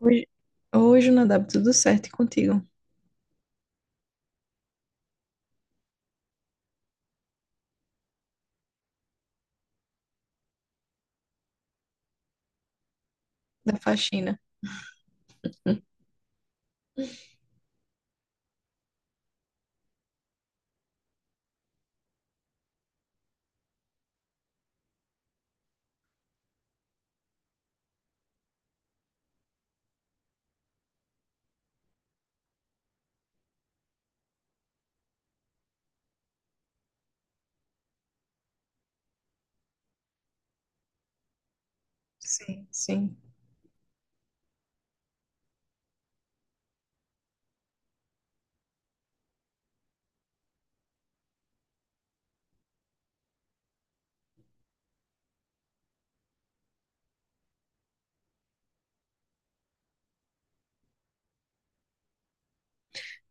Hoje, hoje Nadab, tudo certo? E contigo? Da faxina. Hum. Sim, sim.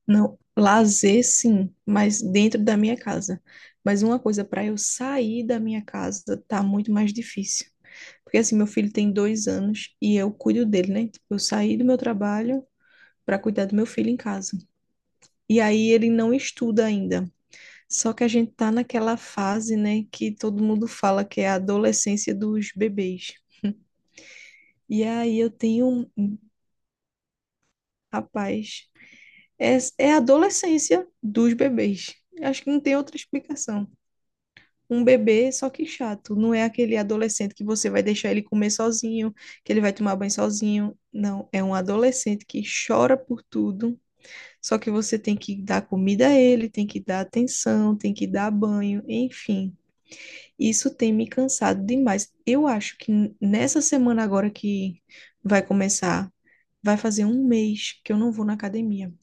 Não, lazer sim, mas dentro da minha casa. Mas uma coisa, para eu sair da minha casa tá muito mais difícil. Porque assim, meu filho tem dois anos e eu cuido dele, né? Tipo, eu saí do meu trabalho para cuidar do meu filho em casa. E aí ele não estuda ainda. Só que a gente tá naquela fase, né, que todo mundo fala que é a adolescência dos bebês. E aí eu tenho um rapaz, é a adolescência dos bebês. Acho que não tem outra explicação. Um bebê, só que chato. Não é aquele adolescente que você vai deixar ele comer sozinho, que ele vai tomar banho sozinho. Não, é um adolescente que chora por tudo. Só que você tem que dar comida a ele, tem que dar atenção, tem que dar banho, enfim. Isso tem me cansado demais. Eu acho que nessa semana agora que vai começar, vai fazer um mês que eu não vou na academia.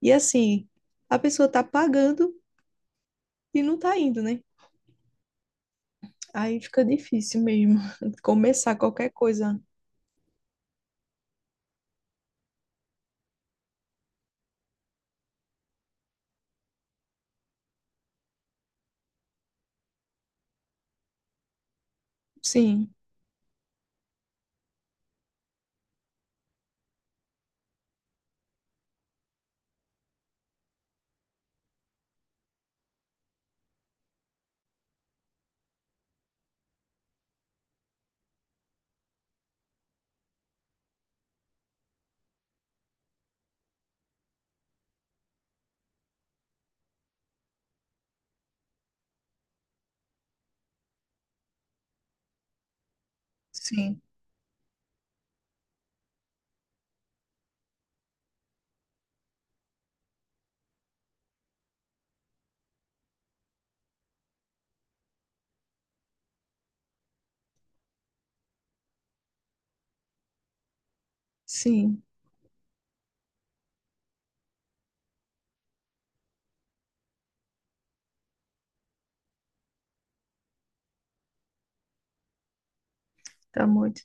E assim, a pessoa tá pagando e não tá indo, né? Aí fica difícil mesmo começar qualquer coisa. Sim, sim, sim. Tá muito,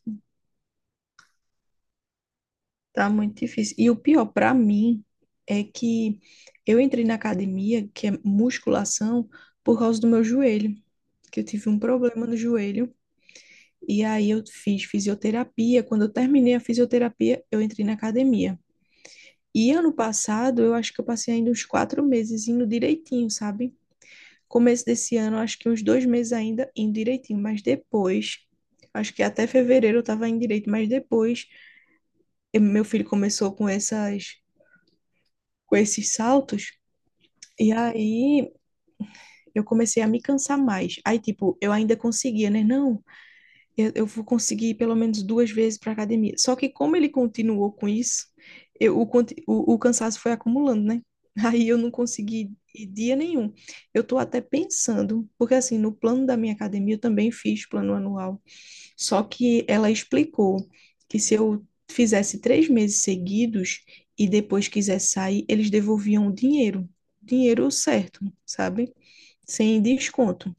tá muito difícil. E o pior para mim é que eu entrei na academia, que é musculação, por causa do meu joelho, que eu tive um problema no joelho. E aí eu fiz fisioterapia. Quando eu terminei a fisioterapia, eu entrei na academia. E ano passado, eu acho que eu passei ainda uns quatro meses indo direitinho, sabe? Começo desse ano, acho que uns dois meses ainda indo direitinho. Mas depois, acho que até fevereiro eu tava indo direito. Mas depois, meu filho começou com com esses saltos. E aí eu comecei a me cansar mais. Aí, tipo, eu ainda conseguia, né? Não. Eu vou conseguir ir pelo menos duas vezes para academia. Só que como ele continuou com isso, eu, o, conti- o cansaço foi acumulando, né? Aí eu não consegui ir dia nenhum. Eu tô até pensando, porque assim, no plano da minha academia eu também fiz plano anual. Só que ela explicou que se eu fizesse três meses seguidos e depois quisesse sair, eles devolviam o dinheiro. Dinheiro certo, sabe? Sem desconto.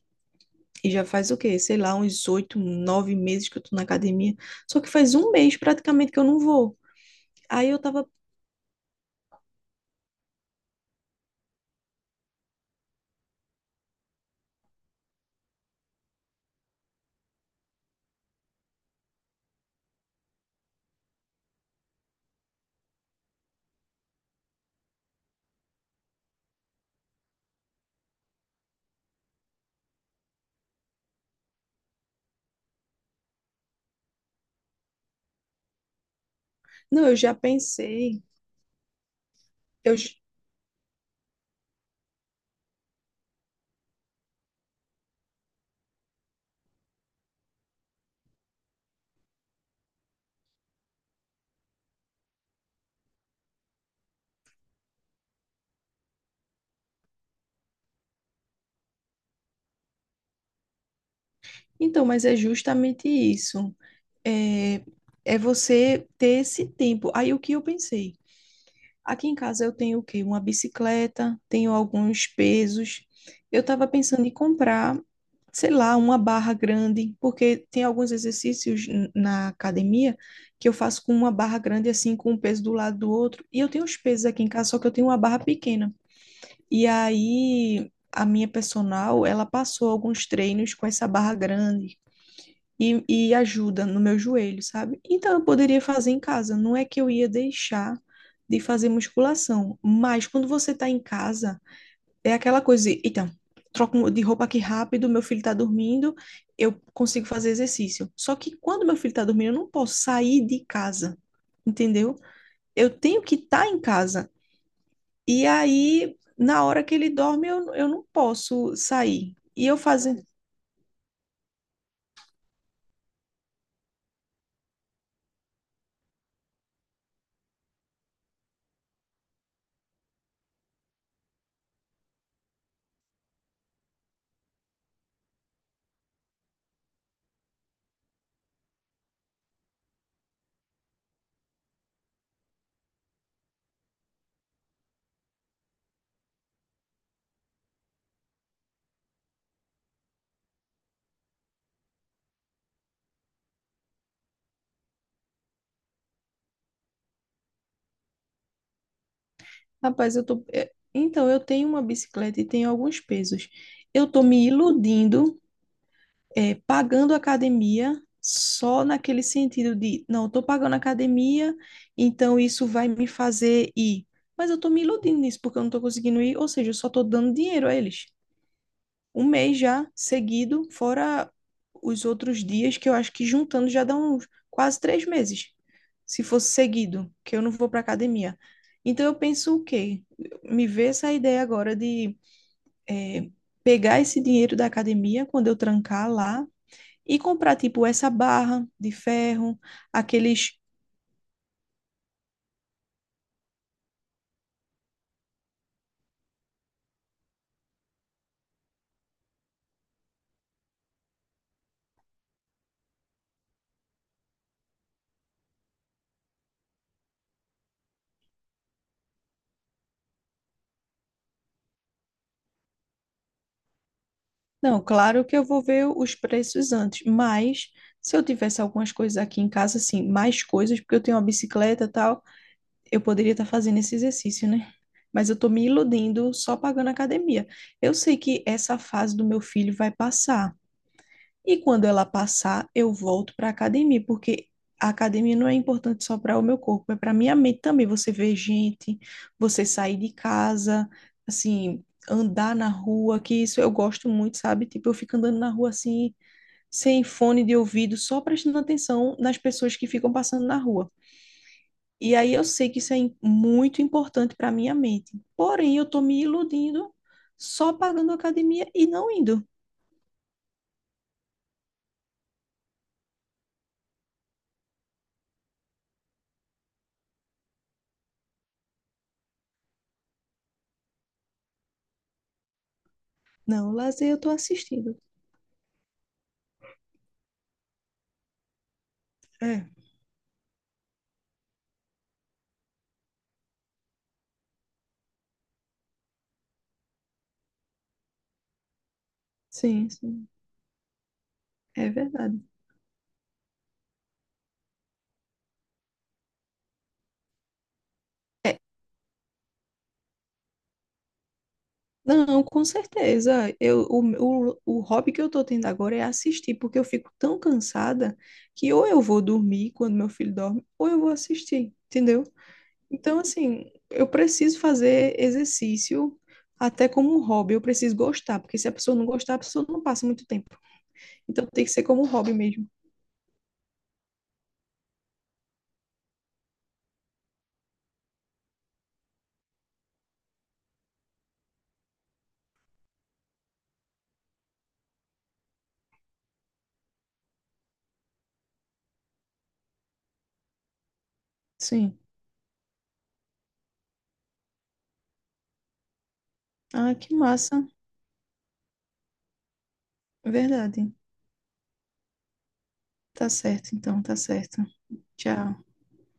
E já faz o quê? Sei lá, uns oito, nove meses que eu tô na academia. Só que faz um mês praticamente que eu não vou. Aí eu tava. Não, eu já pensei. Eu... ju- Então, mas é justamente isso. É... É você ter esse tempo. Aí o que eu pensei? Aqui em casa eu tenho o quê? Uma bicicleta, tenho alguns pesos. Eu estava pensando em comprar, sei lá, uma barra grande, porque tem alguns exercícios na academia que eu faço com uma barra grande, assim, com um peso do lado do outro. E eu tenho os pesos aqui em casa, só que eu tenho uma barra pequena. E aí a minha personal, ela passou alguns treinos com essa barra grande, e ajuda no meu joelho, sabe? Então eu poderia fazer em casa. Não é que eu ia deixar de fazer musculação, mas quando você tá em casa, é aquela coisa, de, então, troco de roupa aqui rápido, meu filho tá dormindo, eu consigo fazer exercício. Só que quando meu filho tá dormindo, eu não posso sair de casa, entendeu? Eu tenho que estar tá em casa. E aí, na hora que ele dorme, eu não posso sair. E eu fazer. Rapaz, Então, eu tenho uma bicicleta e tenho alguns pesos. Eu tô me iludindo, pagando academia só naquele sentido de, não, eu tô pagando academia, então isso vai me fazer ir. Mas eu tô me iludindo nisso porque eu não tô conseguindo ir, ou seja, eu só tô dando dinheiro a eles um mês já seguido, fora os outros dias, que eu acho que juntando já dá uns quase três meses, se fosse seguido, que eu não vou para academia. Então eu penso o quê? Me vê essa ideia agora de eh, pegar esse dinheiro da academia quando eu trancar lá e comprar tipo essa barra de ferro, aqueles. Não, claro que eu vou ver os preços antes, mas se eu tivesse algumas coisas aqui em casa, assim, mais coisas, porque eu tenho uma bicicleta e tal, eu poderia estar fazendo esse exercício, né? Mas eu estou me iludindo só pagando academia. Eu sei que essa fase do meu filho vai passar. E quando ela passar, eu volto para academia, porque a academia não é importante só para o meu corpo, é para minha mente também. Você vê gente, você sair de casa, assim, andar na rua, que isso eu gosto muito, sabe? Tipo, eu fico andando na rua assim, sem fone de ouvido, só prestando atenção nas pessoas que ficam passando na rua. E aí eu sei que isso é muito importante para minha mente. Porém, eu estou me iludindo só pagando academia e não indo. Não, lazer eu estou assistindo. É, sim, sim, é verdade. É, não, com certeza. O hobby que eu estou tendo agora é assistir, porque eu fico tão cansada que ou eu vou dormir quando meu filho dorme, ou eu vou assistir, entendeu? Então, assim, eu preciso fazer exercício até como um hobby. Eu preciso gostar, porque se a pessoa não gostar, a pessoa não passa muito tempo. Então, tem que ser como um hobby mesmo. Sim. Ah, que massa. Verdade. Tá certo, então, tá certo. Tchau.